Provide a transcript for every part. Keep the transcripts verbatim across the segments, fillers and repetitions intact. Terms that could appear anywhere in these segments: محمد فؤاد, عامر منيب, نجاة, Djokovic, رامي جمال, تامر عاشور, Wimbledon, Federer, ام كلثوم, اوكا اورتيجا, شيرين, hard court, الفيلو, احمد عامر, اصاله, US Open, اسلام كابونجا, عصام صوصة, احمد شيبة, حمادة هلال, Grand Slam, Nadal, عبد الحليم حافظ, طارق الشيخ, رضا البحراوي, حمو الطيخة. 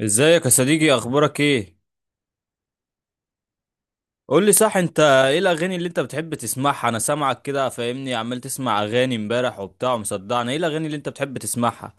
ازيك يا صديقي، اخبارك ايه؟ قول لي صح، انت ايه الاغاني اللي انت بتحب تسمعها؟ انا سامعك كده فاهمني، عمال تسمع اغاني امبارح وبتاع ومصدعني. ايه الاغاني اللي انت بتحب تسمعها؟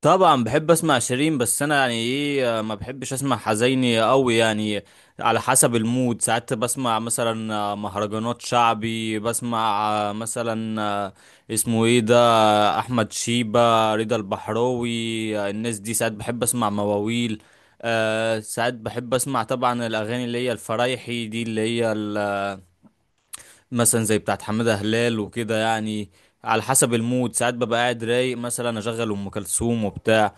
طبعا بحب اسمع شيرين، بس انا يعني ايه، ما بحبش اسمع حزيني قوي يعني. على حسب المود، ساعات بسمع مثلا مهرجانات شعبي، بسمع مثلا، اسمه ايه ده، احمد شيبة، رضا البحراوي. الناس دي ساعات بحب اسمع مواويل. أه ساعات بحب اسمع طبعا الاغاني اللي هي الفرايحي دي، اللي هي ال- مثلا زي بتاعت حمادة هلال وكده يعني. على حسب المود ساعات ببقى قاعد رايق، مثلا اشغل ام كلثوم وبتاع.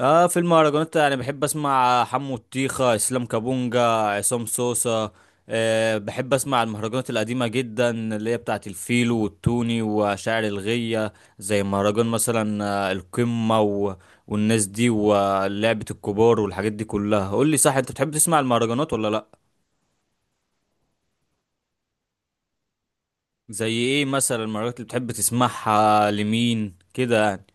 اه، في المهرجانات يعني بحب اسمع حمو الطيخة، اسلام كابونجا، عصام صوصة. أه بحب اسمع المهرجانات القديمة جدا، اللي هي بتاعت الفيلو والتوني وشاعر الغية، زي مهرجان مثلا، آه، القمة، و... والناس دي، ولعبة الكبار، والحاجات دي كلها. قول لي صح، انت بتحب تسمع المهرجانات ولا لا؟ زي ايه مثلا المهرجانات اللي بتحب تسمعها، لمين كده يعني؟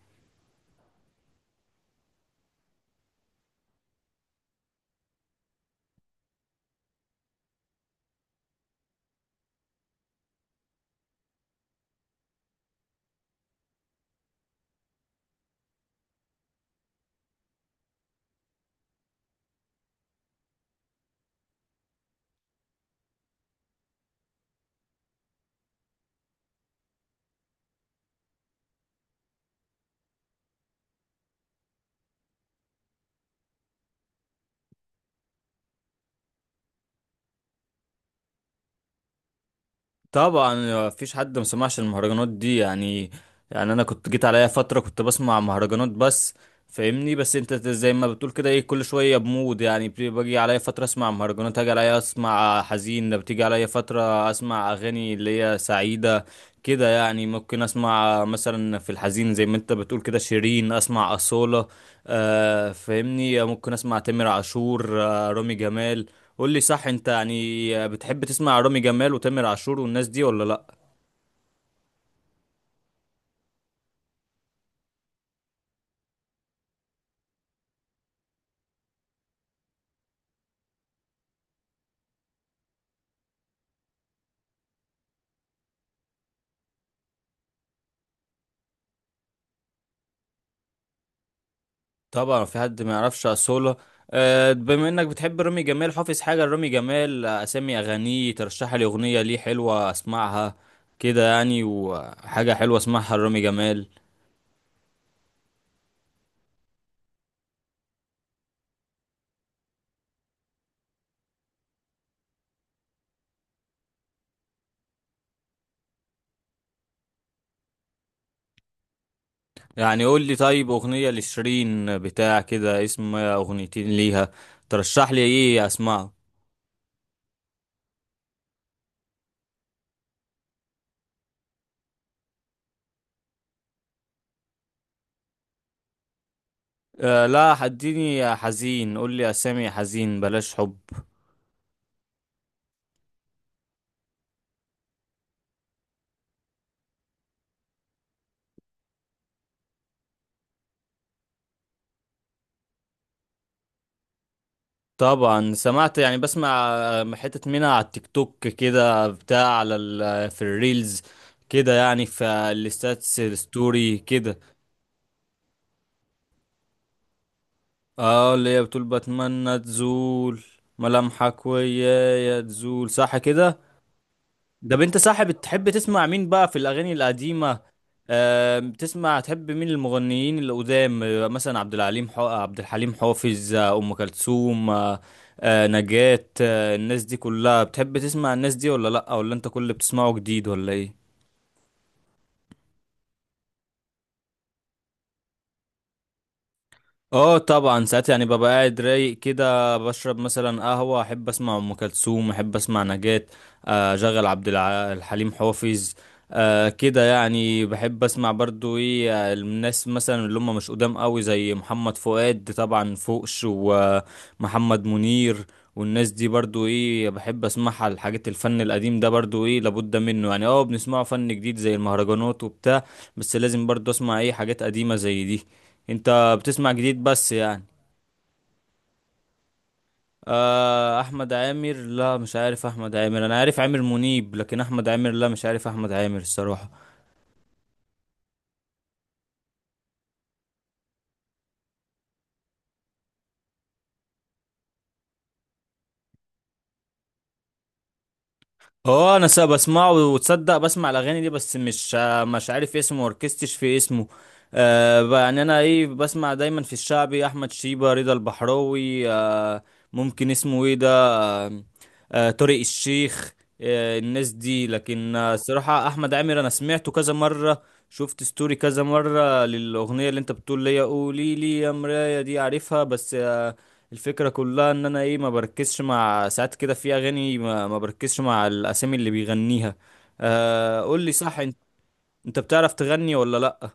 طبعا مفيش حد ما سمعش المهرجانات دي يعني. يعني انا كنت جيت عليا فتره كنت بسمع مهرجانات بس، فاهمني. بس انت زي ما بتقول كده ايه، كل شويه بمود يعني، بي- باجي عليا فتره اسمع مهرجانات، اجي عليا اسمع حزين ده، بتيجي عليا فتره اسمع اغاني اللي هي سعيده كده يعني. ممكن اسمع مثلا في الحزين زي ما انت بتقول كده شيرين، اسمع اصاله، آه فاهمني، ممكن اسمع تامر عاشور، آه رامي جمال. قول لي صح، انت يعني بتحب تسمع رامي جمال وتامر عاشور والناس دي ولا لا؟ طبعا في حد ما يعرفش اصولا. آه، بما انك بتحب رامي جمال، حافظ حاجه لرامي جمال، آه، اسامي اغانيه، ترشح لي اغنيه ليه حلوه اسمعها كده يعني، وحاجه حلوه اسمعها لرامي جمال. يعني قول لي، طيب اغنيه لشيرين بتاع كده، اسم اغنيتين ليها، ترشح لي ايه اسمعه. أه لا، هديني حزين، قول لي اسامي حزين، بلاش حب. طبعا سمعت، يعني بسمع آه، حتة منها على التيك توك كده بتاع، على ال آه، في الريلز كده يعني، في الستاتس الستوري كده. اه، اللي هي بتقول بتمنى تزول ملامحك، ويايا تزول، صح كده؟ ده انت صاحب، بتحب تسمع مين بقى في الاغاني القديمه؟ آه، بتسمع تحب مين المغنيين القدام، آه، مثلا عبد الحليم حو... عبد الحليم حافظ، آه، ام كلثوم، آه آه، نجاة، آه الناس دي كلها بتحب تسمع الناس دي ولا لا؟ ولا انت كل اللي بتسمعه جديد ولا ايه؟ اه طبعا، ساعات يعني ببقى قاعد رايق كده، بشرب مثلا قهوة، احب اسمع ام كلثوم، احب اسمع نجاة، آه، اشغل عبد الع- الحليم حافظ، آه، كده يعني بحب اسمع برضو ايه، آه، الناس مثلا اللي هم مش قدام قوي زي محمد فؤاد طبعا فوقش، ومحمد منير، والناس دي برضو ايه، بحب اسمعها الحاجات، الفن القديم ده برضو ايه، لابد منه يعني. اه بنسمعه فن جديد زي المهرجانات وبتاع، بس لازم برضو اسمع ايه حاجات قديمة زي دي. انت بتسمع جديد بس يعني؟ آه احمد عامر، لا مش عارف احمد عامر، انا عارف عامر منيب، لكن احمد عامر لا مش عارف احمد عامر الصراحة. اه انا سا بسمعه، وتصدق بسمع الاغاني دي، بس مش مش عارف اسمه وركزتش في اسمه. آه ب- يعني انا ايه، بسمع دايما في الشعبي احمد شيبة، رضا البحراوي، آه ممكن اسمه ايه ده، آه آه طارق الشيخ، آه الناس دي، لكن آه، الصراحة احمد عامر انا سمعته كذا مرة، شفت ستوري كذا مرة للاغنية اللي انت بتقول لي قولي لي يا مراية دي، عارفها، بس آه، الفكرة كلها ان انا ايه ما بركزش مع ساعات كده في اغاني، ما, ما بركزش مع الاسامي اللي بيغنيها. آه قول لي صح انت, انت بتعرف تغني ولا لا؟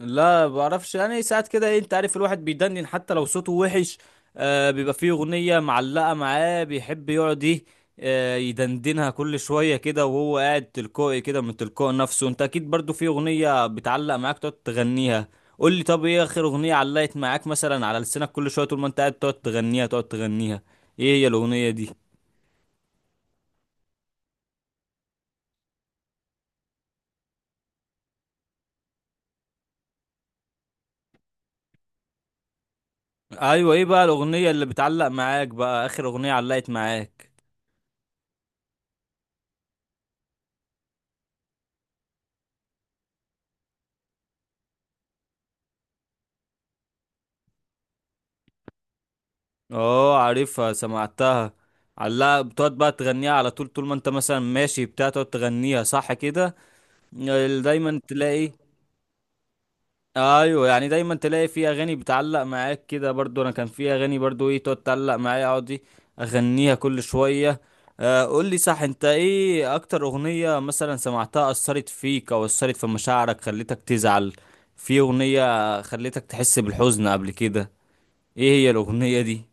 لا بعرفش يعني، ساعات كده ايه انت عارف، الواحد بيدندن حتى لو صوته وحش، آه بيبقى فيه اغنية معلقة معاه، بيحب يقعد ايه، آه يدندنها كل شوية كده وهو قاعد تلقائي كده من تلقاء نفسه. انت اكيد برضو في اغنية بتعلق معاك تقعد تغنيها. قول لي طب ايه اخر اغنية علقت معاك، مثلا على لسانك كل شوية طول ما انت قاعد تقعد تغنيها تقعد تغنيها؟ ايه هي الاغنية دي؟ ايوه، ايه بقى الاغنية اللي بتعلق معاك بقى، اخر اغنية علقت معاك؟ اه عارفها، سمعتها. علقها، بتقعد بقى تغنيها على طول، طول ما انت مثلا ماشي بتاع تقعد تغنيها، صح كده؟ ال- دايما تلاقي. ايوه يعني دايما تلاقي في اغاني بتعلق معاك كده، برضو انا كان في اغاني برضو ايه تقعد تعلق معايا، اقعد ايه اغنيها كل شويه. آه قول لي صح، انت ايه اكتر اغنيه مثلا سمعتها اثرت فيك او اثرت في مشاعرك، خلتك تزعل، في اغنيه خلتك تحس بالحزن قبل كده؟ ايه هي الاغنيه دي؟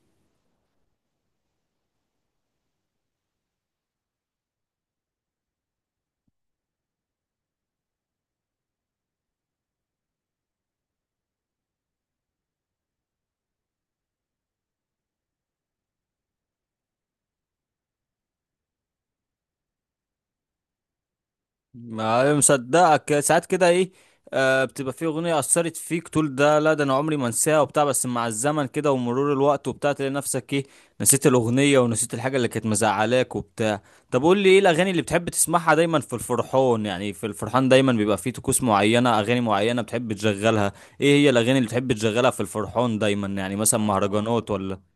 ما مصدقك، ساعات كده ايه، آه بتبقى في اغنيه اثرت فيك تقول ده لا، ده انا عمري ما انساها وبتاع، بس مع الزمن كده ومرور الوقت وبتاع تلاقي نفسك ايه، نسيت الاغنيه ونسيت الحاجه اللي كانت مزعلاك وبتاع. طب قول لي، ايه الاغاني اللي بتحب تسمعها دايما في الفرحان؟ يعني في الفرحان دايما بيبقى فيه طقوس معينه، اغاني معينه بتحب تشغلها. ايه هي الاغاني اللي بتحب تشغلها في الفرحان دايما يعني، مثلا مهرجانات ولا؟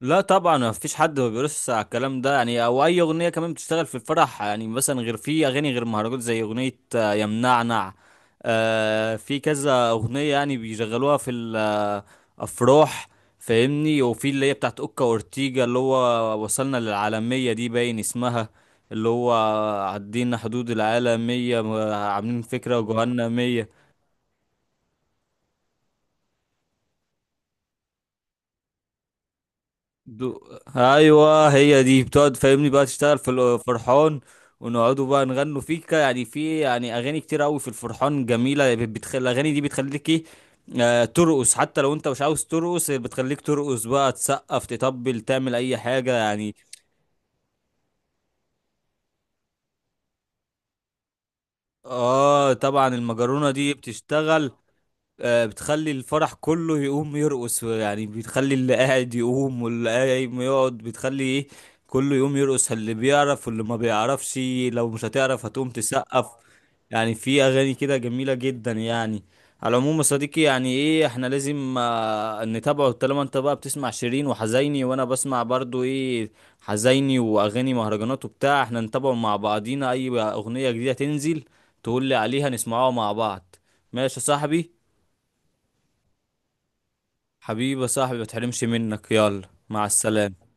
لا طبعا، ما فيش حد ما بيرقص على الكلام ده يعني، او اي اغنيه كمان بتشتغل في الفرح يعني، مثلا غير في اغاني، غير مهرجان زي اغنيه آه، يا منعنع، آه، في كذا اغنيه يعني بيشغلوها في الافراح فاهمني، وفي اللي هي بتاعت اوكا اورتيجا، اللي هو وصلنا للعالميه دي، باين اسمها، اللي هو عدينا حدود العالميه، آه، عاملين فكره وجوهنا مية. دو... ايوه هي دي، بتقعد فاهمني بقى تشتغل في الفرحان. ونقعدوا بقى نغنوا في ك- يعني في يعني اغاني كتير قوي في الفرحان جميله، بتخلي الاغاني دي بتخليك ايه، آه ترقص، حتى لو انت مش عاوز ترقص بتخليك ترقص، بقى تسقف تطبل تعمل اي حاجه يعني. اه طبعا، المجرونه دي بتشتغل، آه، بتخلي الفرح كله يقوم يرقص، يعني بتخلي اللي قاعد يقوم، واللي قايم يقعد، بتخلي ايه كله يقوم يرقص، اللي بيعرف واللي ما بيعرفش، لو مش هتعرف هتقوم تسقف. يعني في اغاني كده جميلة جدا يعني. على العموم يا صديقي، يعني ايه احنا لازم آه، نتابعه، طالما انت بقى بتسمع شيرين وحزيني، وانا بسمع برضو ايه حزيني واغاني مهرجانات وبتاع، احنا نتابعه مع بعضينا. اي اغنية جديدة تنزل تقول لي عليها نسمعها مع بعض. ماشي يا صاحبي. حبيبي يا صاحبي، ما تحرمش منك، يلا مع السلامة.